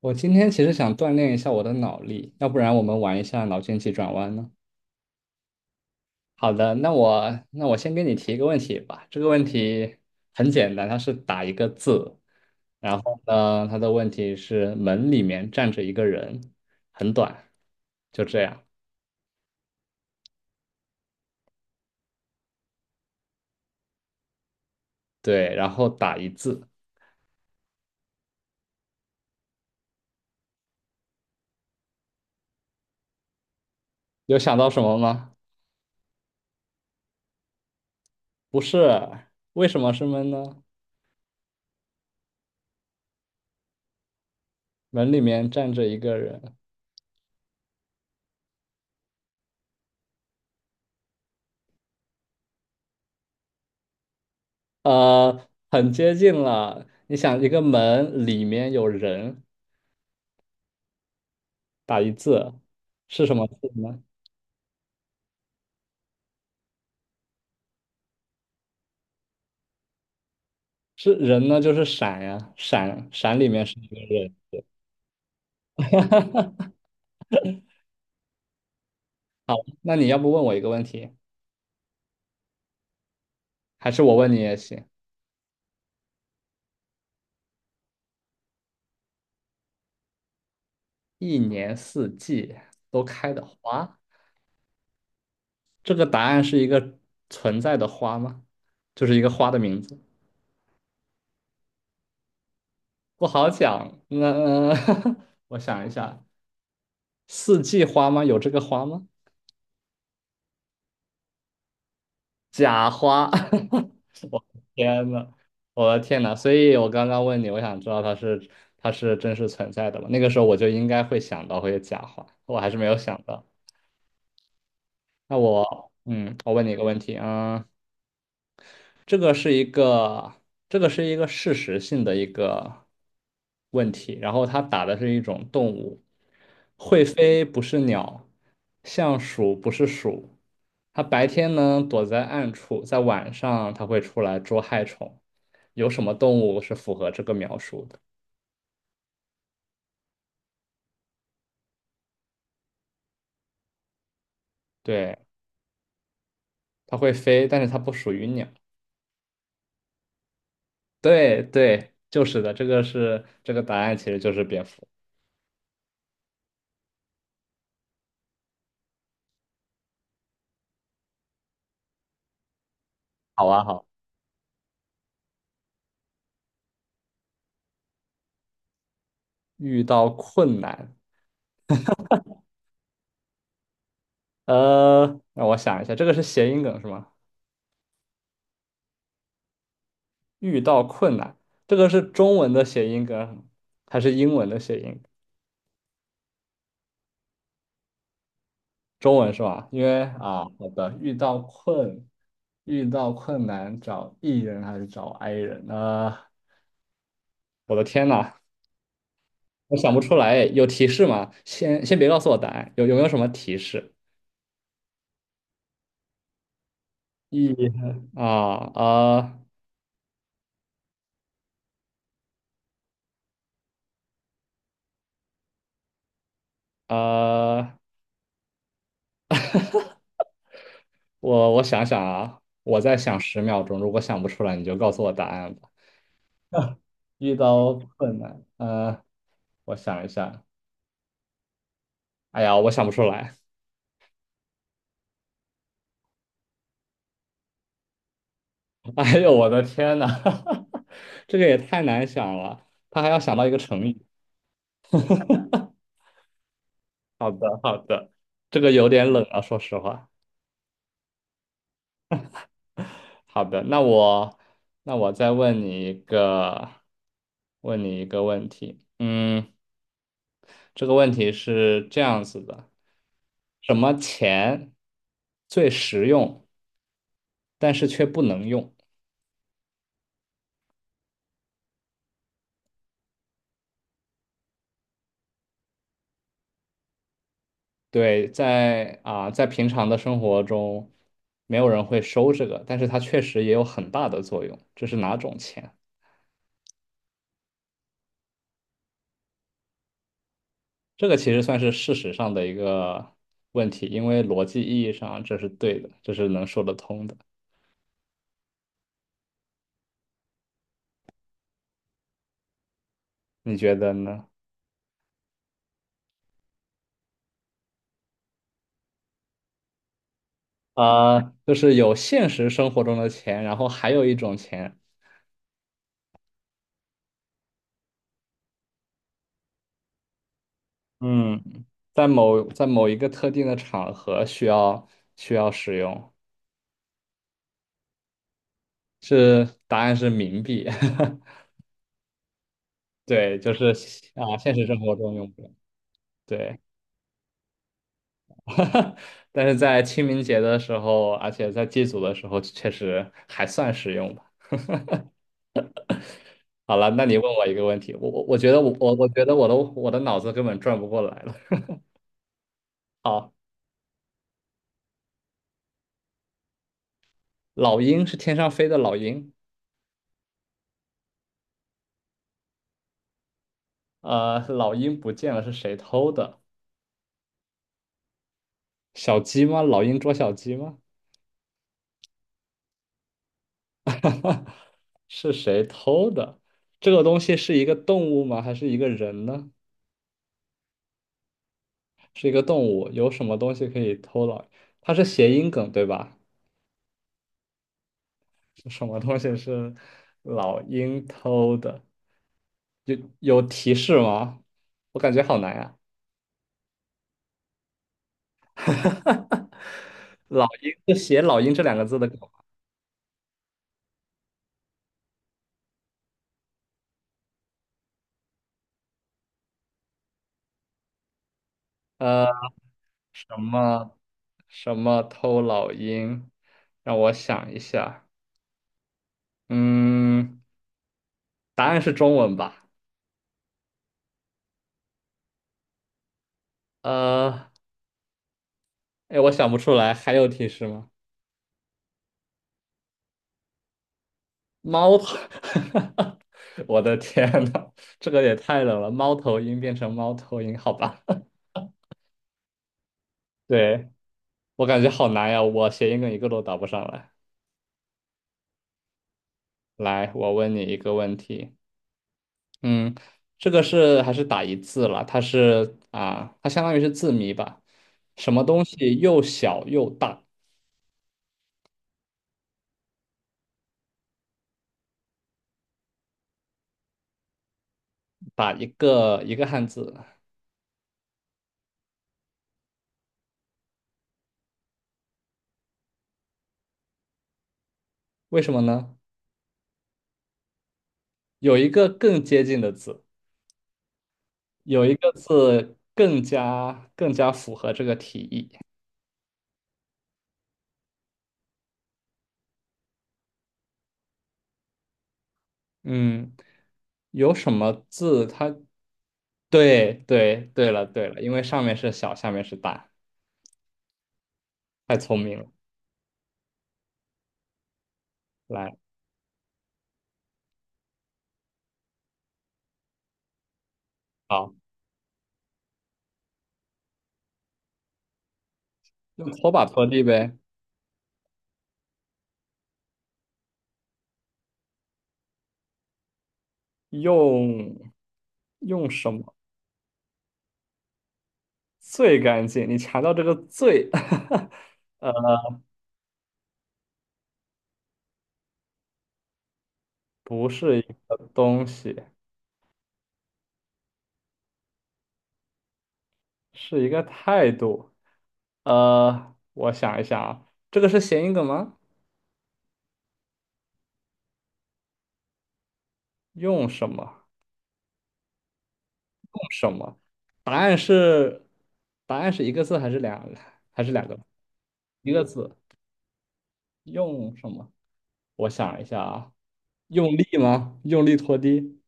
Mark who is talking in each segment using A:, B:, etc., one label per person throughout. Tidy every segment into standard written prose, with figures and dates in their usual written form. A: 我今天其实想锻炼一下我的脑力，要不然我们玩一下脑筋急转弯呢？好的，那我先给你提一个问题吧。这个问题很简单，它是打一个字，然后呢，它的问题是门里面站着一个人，很短，就这样。对，然后打一字，有想到什么吗？不是，为什么是门呢？门里面站着一个人，很接近了。你想，一个门里面有人。是什么？字呢？是人呢？就是闪呀，闪闪里面是一个人。那你要不问我一个问题，还是我问你也行？一年四季都开的花，这个答案是一个存在的花吗？就是一个花的名字，不好讲。那 我想一下，四季花吗？有这个花吗？假花。天呐，我的天呐！所以我刚刚问你，我想知道它是真实存在的吗？那个时候我就应该会想到会有假话，我还是没有想到。那我嗯，我问你一个问题啊，嗯，这个是一个，这个是一个事实性的一个问题。然后它打的是一种动物，会飞不是鸟，像鼠不是鼠。它白天呢躲在暗处，在晚上它会出来捉害虫。有什么动物是符合这个描述的？对，它会飞，但是它不属于鸟。对对，就是的，这个是这个答案，其实就是蝙蝠。好啊，好。遇到困难。让我想一下，这个是谐音梗是吗？遇到困难，这个是中文的谐音梗还是英文的谐音梗？中文是吧？因为啊，好的，遇到困难找 E 人还是找 I 人呢？我的天呐，我想不出来，有提示吗？先别告诉我答案，有没有什么提示？E 啊呃，呃，我想想啊，我再想10秒钟，如果想不出来，你就告诉我答案吧。遇到困难，我想一下，哎呀，我想不出来。哎呦，我的天呐，这个也太难想了，他还要想到一个成语。好的，好的，这个有点冷啊，说实话。好的，那我再问你一个，问你一个问题。嗯，这个问题是这样子的：什么钱最实用，但是却不能用？对，在平常的生活中，没有人会收这个，但是它确实也有很大的作用。这是哪种钱？这个其实算是事实上的一个问题，因为逻辑意义上这是对的，这是能说得通的。你觉得呢？啊，就是有现实生活中的钱，然后还有一种钱，嗯，在某一个特定的场合需要使用，是答案是冥币。对，就是啊，现实生活中用不了。对，但是在清明节的时候，而且在祭祖的时候，确实还算实用吧。好了，那你问我一个问题，我觉得我觉得我的脑子根本转不过来了。好，老鹰是天上飞的老鹰，老鹰不见了是谁偷的？小鸡吗？老鹰捉小鸡吗？是谁偷的？这个东西是一个动物吗？还是一个人呢？是一个动物，有什么东西可以偷老？它是谐音梗，对吧？是什么东西是老鹰偷的？有提示吗？我感觉好难呀、老鹰是写“老鹰”这两个字的梗吗？呃，什么什么偷老鹰？让我想一下，嗯，答案是中文吧？呃，哎，我想不出来，还有提示吗？猫头，我的天呐，这个也太冷了！猫头鹰变成猫头鹰，好吧？对，我感觉好难呀，我谐音梗一个都答不上来。来，我问你一个问题，嗯，这个是还是打一字了？它是啊，它相当于是字谜吧？什么东西又小又大？打一个汉字，为什么呢？有一个更接近的字，有一个字更加符合这个题意。嗯，有什么字它？对对对了，因为上面是小，下面是大，太聪明了。来，好，用拖把拖地呗。用用什么最干净？你查到这个最，呃，不是一个东西，是一个态度。我想一想啊，这个是谐音梗吗？用什么？用什么？答案是，答案是一个字还是两，还是两个？一个字。用什么？我想一下啊，用力吗？用力拖地？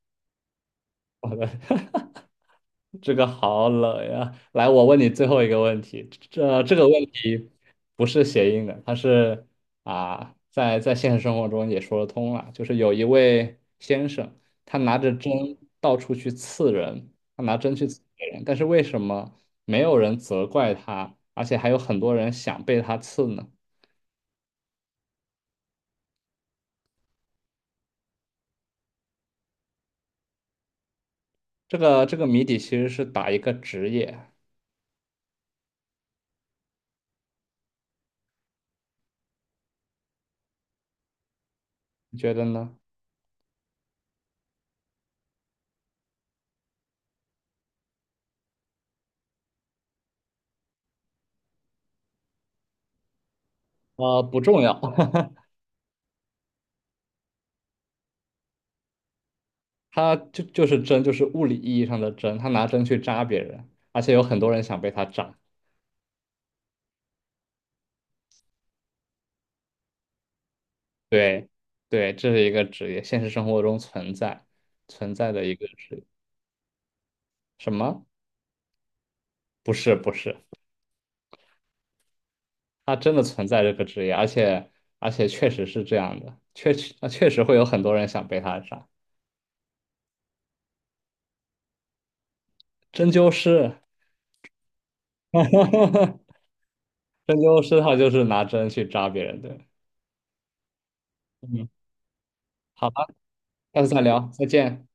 A: 我的，这个好冷呀！来，我问你最后一个问题，这个问题不是谐音的，它是啊，在现实生活中也说得通了，就是有一位先生，他拿着针到处去刺人，他拿针去刺别人，但是为什么没有人责怪他，而且还有很多人想被他刺呢？这个谜底其实是打一个职业。你觉得呢？啊、不重要。就是针，就是物理意义上的针，他拿针去扎别人，而且有很多人想被他扎。对，对，这是一个职业，现实生活中存在的一个职业。什么？不是，不是，他真的存在这个职业，而且确实是这样的，确实会有很多人想被他扎。针灸师，针灸师他就是拿针去扎别人的。嗯，好吧，下次再聊，再见。